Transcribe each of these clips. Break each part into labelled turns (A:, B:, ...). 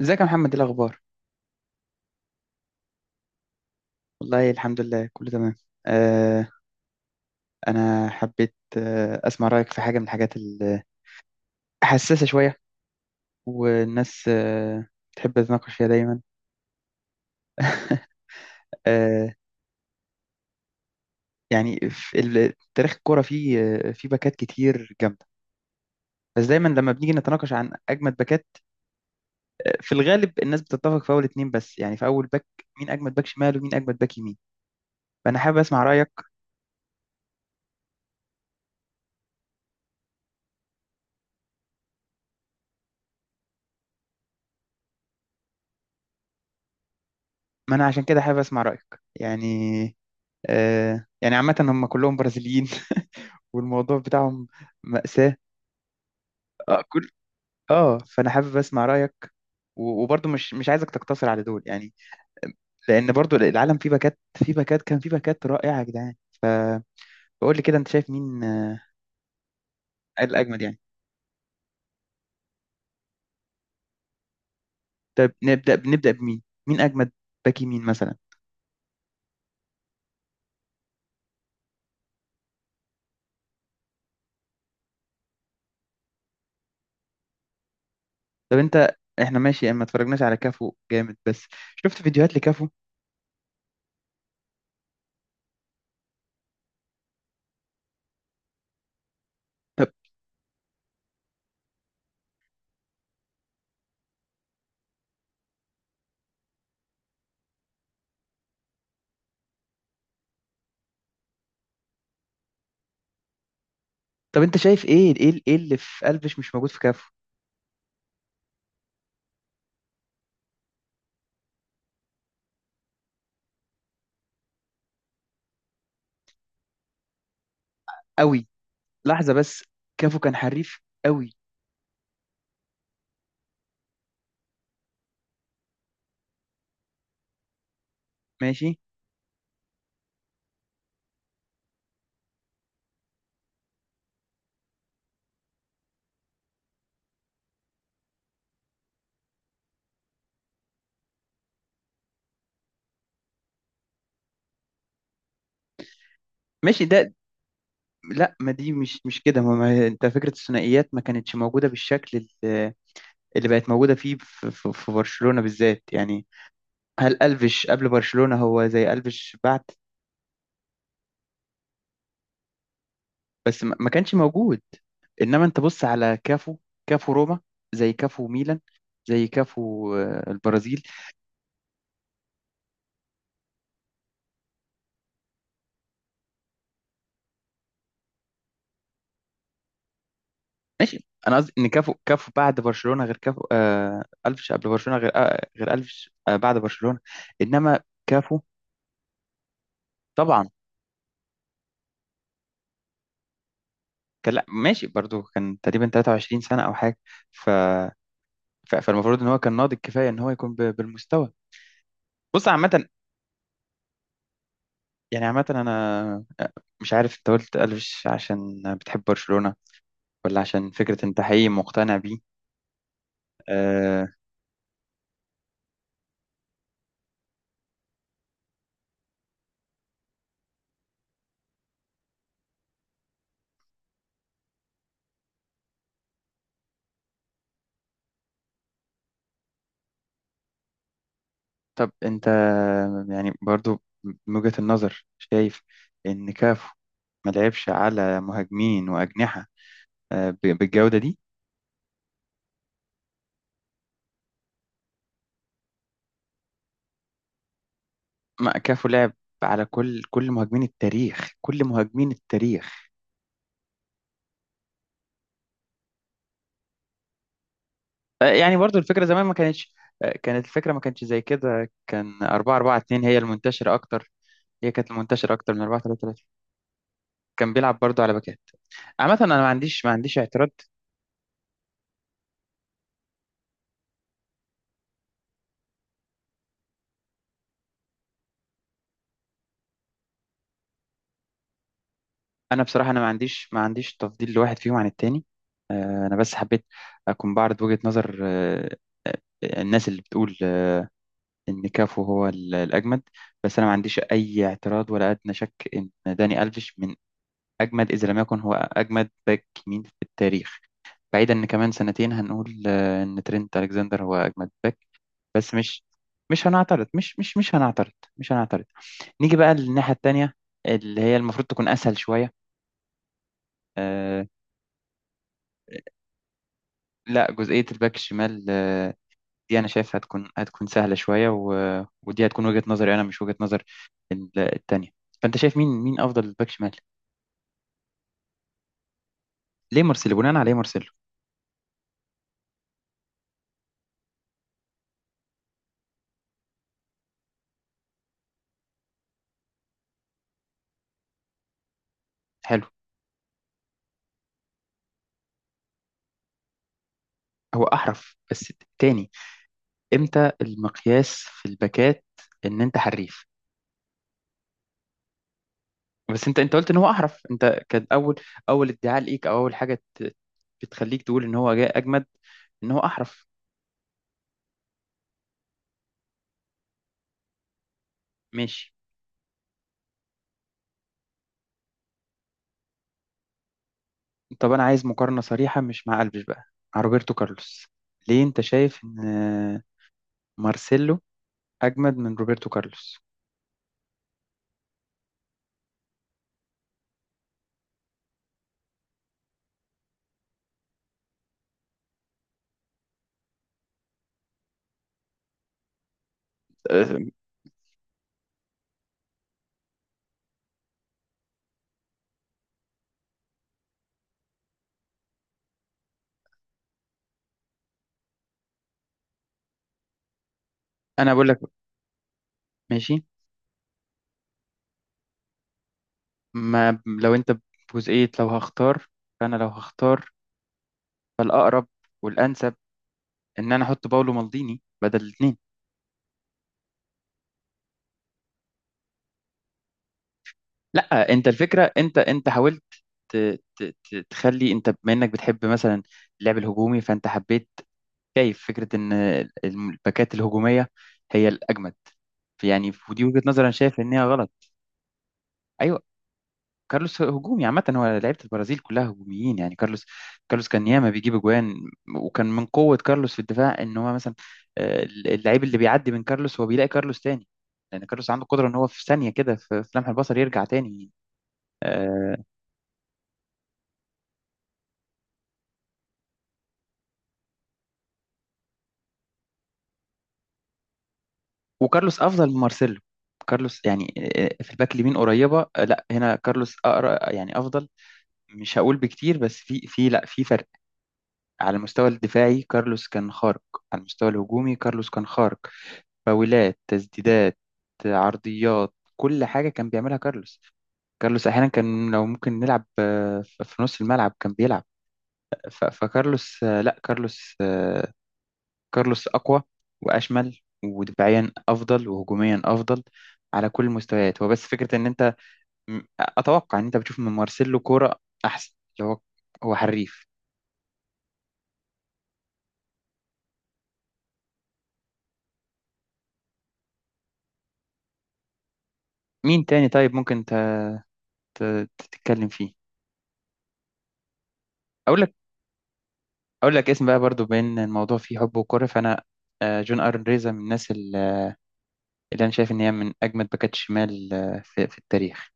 A: ازيك يا محمد، ايه الاخبار؟ والله الحمد لله، كله تمام. آه انا حبيت اسمع رايك في حاجه من الحاجات الحساسه شويه، والناس تحب تتناقش فيها دايما. آه يعني في تاريخ الكوره، فيه، فيه باكات كتير جامده. بس دايما لما بنيجي نتناقش عن اجمد باكات، في الغالب الناس بتتفق في اول اتنين، بس يعني في اول باك: مين اجمد باك شمال ومين اجمد باك يمين؟ فانا حابب اسمع رايك. ما انا عشان كده حابب اسمع رايك. يعني يعني عامه هم كلهم برازيليين والموضوع بتاعهم مأساة. اه كل، اه فانا حابب اسمع رأيك. وبرضه مش عايزك تقتصر على دول يعني، لان برضه العالم فيه باكات، فيه باكات، كان فيه باكات رائعة يا جدعان. فقول لي كده انت شايف مين، الاجمد يعني. طب بنبدأ بمين؟ مين اجمد باك يمين مثلا؟ طب انت، احنا ماشي، ما اتفرجناش على كافو جامد، بس شفت فيديوهات لكافو. طب، طب انت شايف ايه، ايه اللي في قلبش مش موجود في كافو؟ قوي، لحظة بس، كافو كان حريف قوي؟ ماشي. ماشي ده. لا، ما دي مش كده. انت، فكره الثنائيات ما كانتش موجوده بالشكل اللي بقت موجوده فيه في، في برشلونه بالذات يعني. هل الفيش قبل برشلونه هو زي الفيش بعد؟ بس ما كانش موجود. انما انت بص على كافو، كافو روما زي كافو ميلان زي كافو البرازيل. ماشي، انا قصدي ان كافو، كافو بعد برشلونه غير كافو، الفيش قبل برشلونه غير غير الفيش بعد برشلونه. انما كافو طبعا. كان، لا ماشي، برضو كان تقريبا 23 سنة أو حاجة، ف... فالمفروض إن هو كان ناضج كفاية إن هو يكون بالمستوى. بص عامة، يعني عامة أنا مش عارف أنت قلت ألفش عشان بتحب برشلونة ولا عشان فكرة أنت حقيقي مقتنع بيه. أه... طب أنت، يعني برضو من وجهة النظر شايف إن كافو ما لعبش على مهاجمين وأجنحة بالجودة دي؟ ما كافو لعب على كل، مهاجمين التاريخ، كل مهاجمين التاريخ. يعني برضو الفكرة زمان ما كانتش، كانت الفكرة ما كانتش زي كده، كان 4 4 2 هي المنتشرة أكتر. هي كانت المنتشرة أكتر من 4 3 3. كان بيلعب برضو على باكات. عامة أنا ما عنديش اعتراض. أنا بصراحة، أنا ما عنديش تفضيل لواحد فيهم عن التاني. أنا بس حبيت أكون بعرض وجهة نظر، آه، الناس اللي بتقول إن كافو هو الأجمد. بس أنا ما عنديش أي اعتراض ولا أدنى شك إن داني ألفيش من أجمد، إذا لم يكن هو أجمد باك يمين في التاريخ. بعيدا ان كمان سنتين هنقول ان ترينت الكسندر هو اجمد باك. بس مش هنعترض، مش هنعترض. مش هنعترض. نيجي بقى للناحيه التانيه، اللي هي المفروض تكون اسهل شويه. آه لا، جزئيه الباك الشمال دي انا شايف هتكون، هتكون سهله شويه، ودي هتكون وجهه نظري انا، مش وجهه نظر التانيه. فانت شايف مين، مين افضل باك شمال؟ ليه مارسيلو؟ بناء عليه مارسيلو؟ حلو. هو احرف بس؟ تاني، امتى المقياس في الباكات ان انت حريف؟ بس انت، قلت ان هو احرف، انت كان اول، اول ادعاء ليك، او اول حاجه بتخليك تقول ان هو جاي اجمد، ان هو احرف. ماشي. طب انا عايز مقارنه صريحه، مش مع قلبش بقى، مع روبرتو كارلوس. ليه انت شايف ان مارسيلو اجمد من روبرتو كارلوس؟ اه، انا بقول لك. ماشي. ما لو انت، بجزئيه لو هختار، فانا لو هختار، فالاقرب والانسب ان انا احط باولو مالديني بدل الاثنين. لا، انت الفكره، انت حاولت ت- تخلي، انت بما انك بتحب مثلا اللعب الهجومي، فانت حبيت، شايف فكره ان الباكات الهجوميه هي الاجمد يعني، ودي وجهه نظر انا شايف انها غلط. ايوه، كارلوس هجومي، عامه هو لعيبه البرازيل كلها هجوميين يعني. كارلوس، كارلوس كان ياما بيجيب اجوان. وكان من قوه كارلوس في الدفاع ان هو مثلا، اللعيب اللي بيعدي من كارلوس هو بيلاقي كارلوس تاني، لان كارلوس عنده قدره ان هو في ثانيه كده، في لمح البصر يرجع تاني. آه، وكارلوس افضل من مارسيلو. كارلوس يعني في الباك اليمين قريبه، لا هنا كارلوس اقرا يعني افضل. مش هقول بكتير، بس في، في لا في فرق. على المستوى الدفاعي كارلوس كان خارق. على المستوى الهجومي كارلوس كان خارق. فاولات، تسديدات، عرضيات، كل حاجه كان بيعملها كارلوس. كارلوس احيانا كان لو ممكن نلعب في نص الملعب كان بيلعب. فكارلوس، لا كارلوس، كارلوس أقوى وأشمل، ودفاعيا أفضل، وهجوميا أفضل، على كل المستويات. هو بس فكرة إن أنت، أتوقع إن أنت بتشوف من مارسيلو كورة أحسن، اللي هو، هو حريف. مين تاني طيب ممكن أنت تتكلم فيه؟ أقول لك، أقول لك اسم بقى، برضو بين الموضوع فيه حب وكورة، فأنا، جون أرن ريزا من الناس اللي أنا شايف إن هي من أجمد باكات شمال في التاريخ.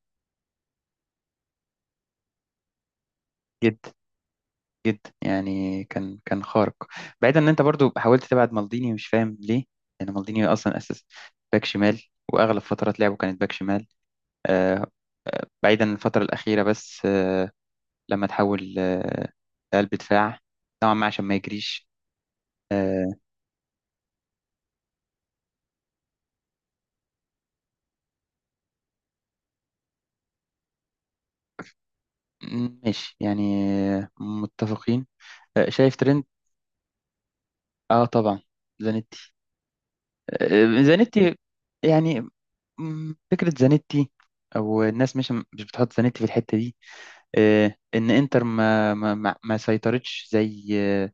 A: جدا. جدا يعني، كان، كان خارق. بعيدا ان انت برضو حاولت تبعد مالديني، مش فاهم ليه، لان مالديني اصلا اساس باك شمال، واغلب فترات لعبه كانت باك شمال. آه، بعيدا عن الفتره الاخيره بس، لما تحول لقلب دفاع نوعا ما عشان ما يجريش. آه، ماشي يعني، متفقين. شايف ترند. اه طبعا زانيتي. زانيتي يعني، فكره زانيتي، او الناس مش بتحط زانيتي في الحته دي، ان انتر ما سيطرتش زي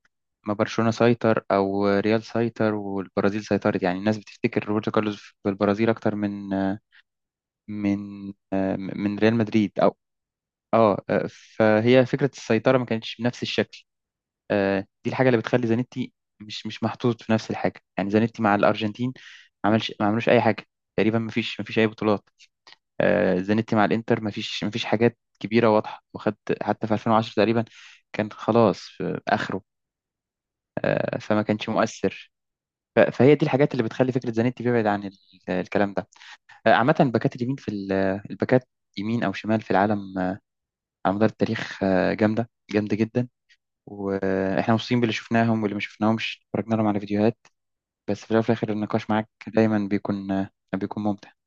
A: ما برشلونة سيطر او ريال سيطر والبرازيل سيطرت. يعني الناس بتفتكر روبرتو كارلوس بالبرازيل اكتر من، من ريال مدريد او... اه، فهي فكرة السيطرة ما كانتش بنفس الشكل. دي الحاجة اللي بتخلي زانيتي مش محطوط في نفس الحاجة. يعني زانيتي مع الارجنتين ما عملش، ما عملوش اي حاجة تقريبا، ما فيش اي بطولات. زانيتي مع الانتر مفيش حاجات كبيره واضحه، وخد حتى في 2010 تقريبا كان خلاص في اخره. فما كانش مؤثر. فهي دي الحاجات اللي بتخلي فكره زانيتي بيبعد عن الكلام ده. عامه الباكات اليمين في الباكات يمين او شمال في العالم على مدار التاريخ جامده، جامده جدا. واحنا مبسوطين باللي شفناهم، واللي ما شفناهم اتفرجنا لهم على فيديوهات. بس في الاول وفي الاخر، النقاش معاك دايما بيكون، بيكون ممتع.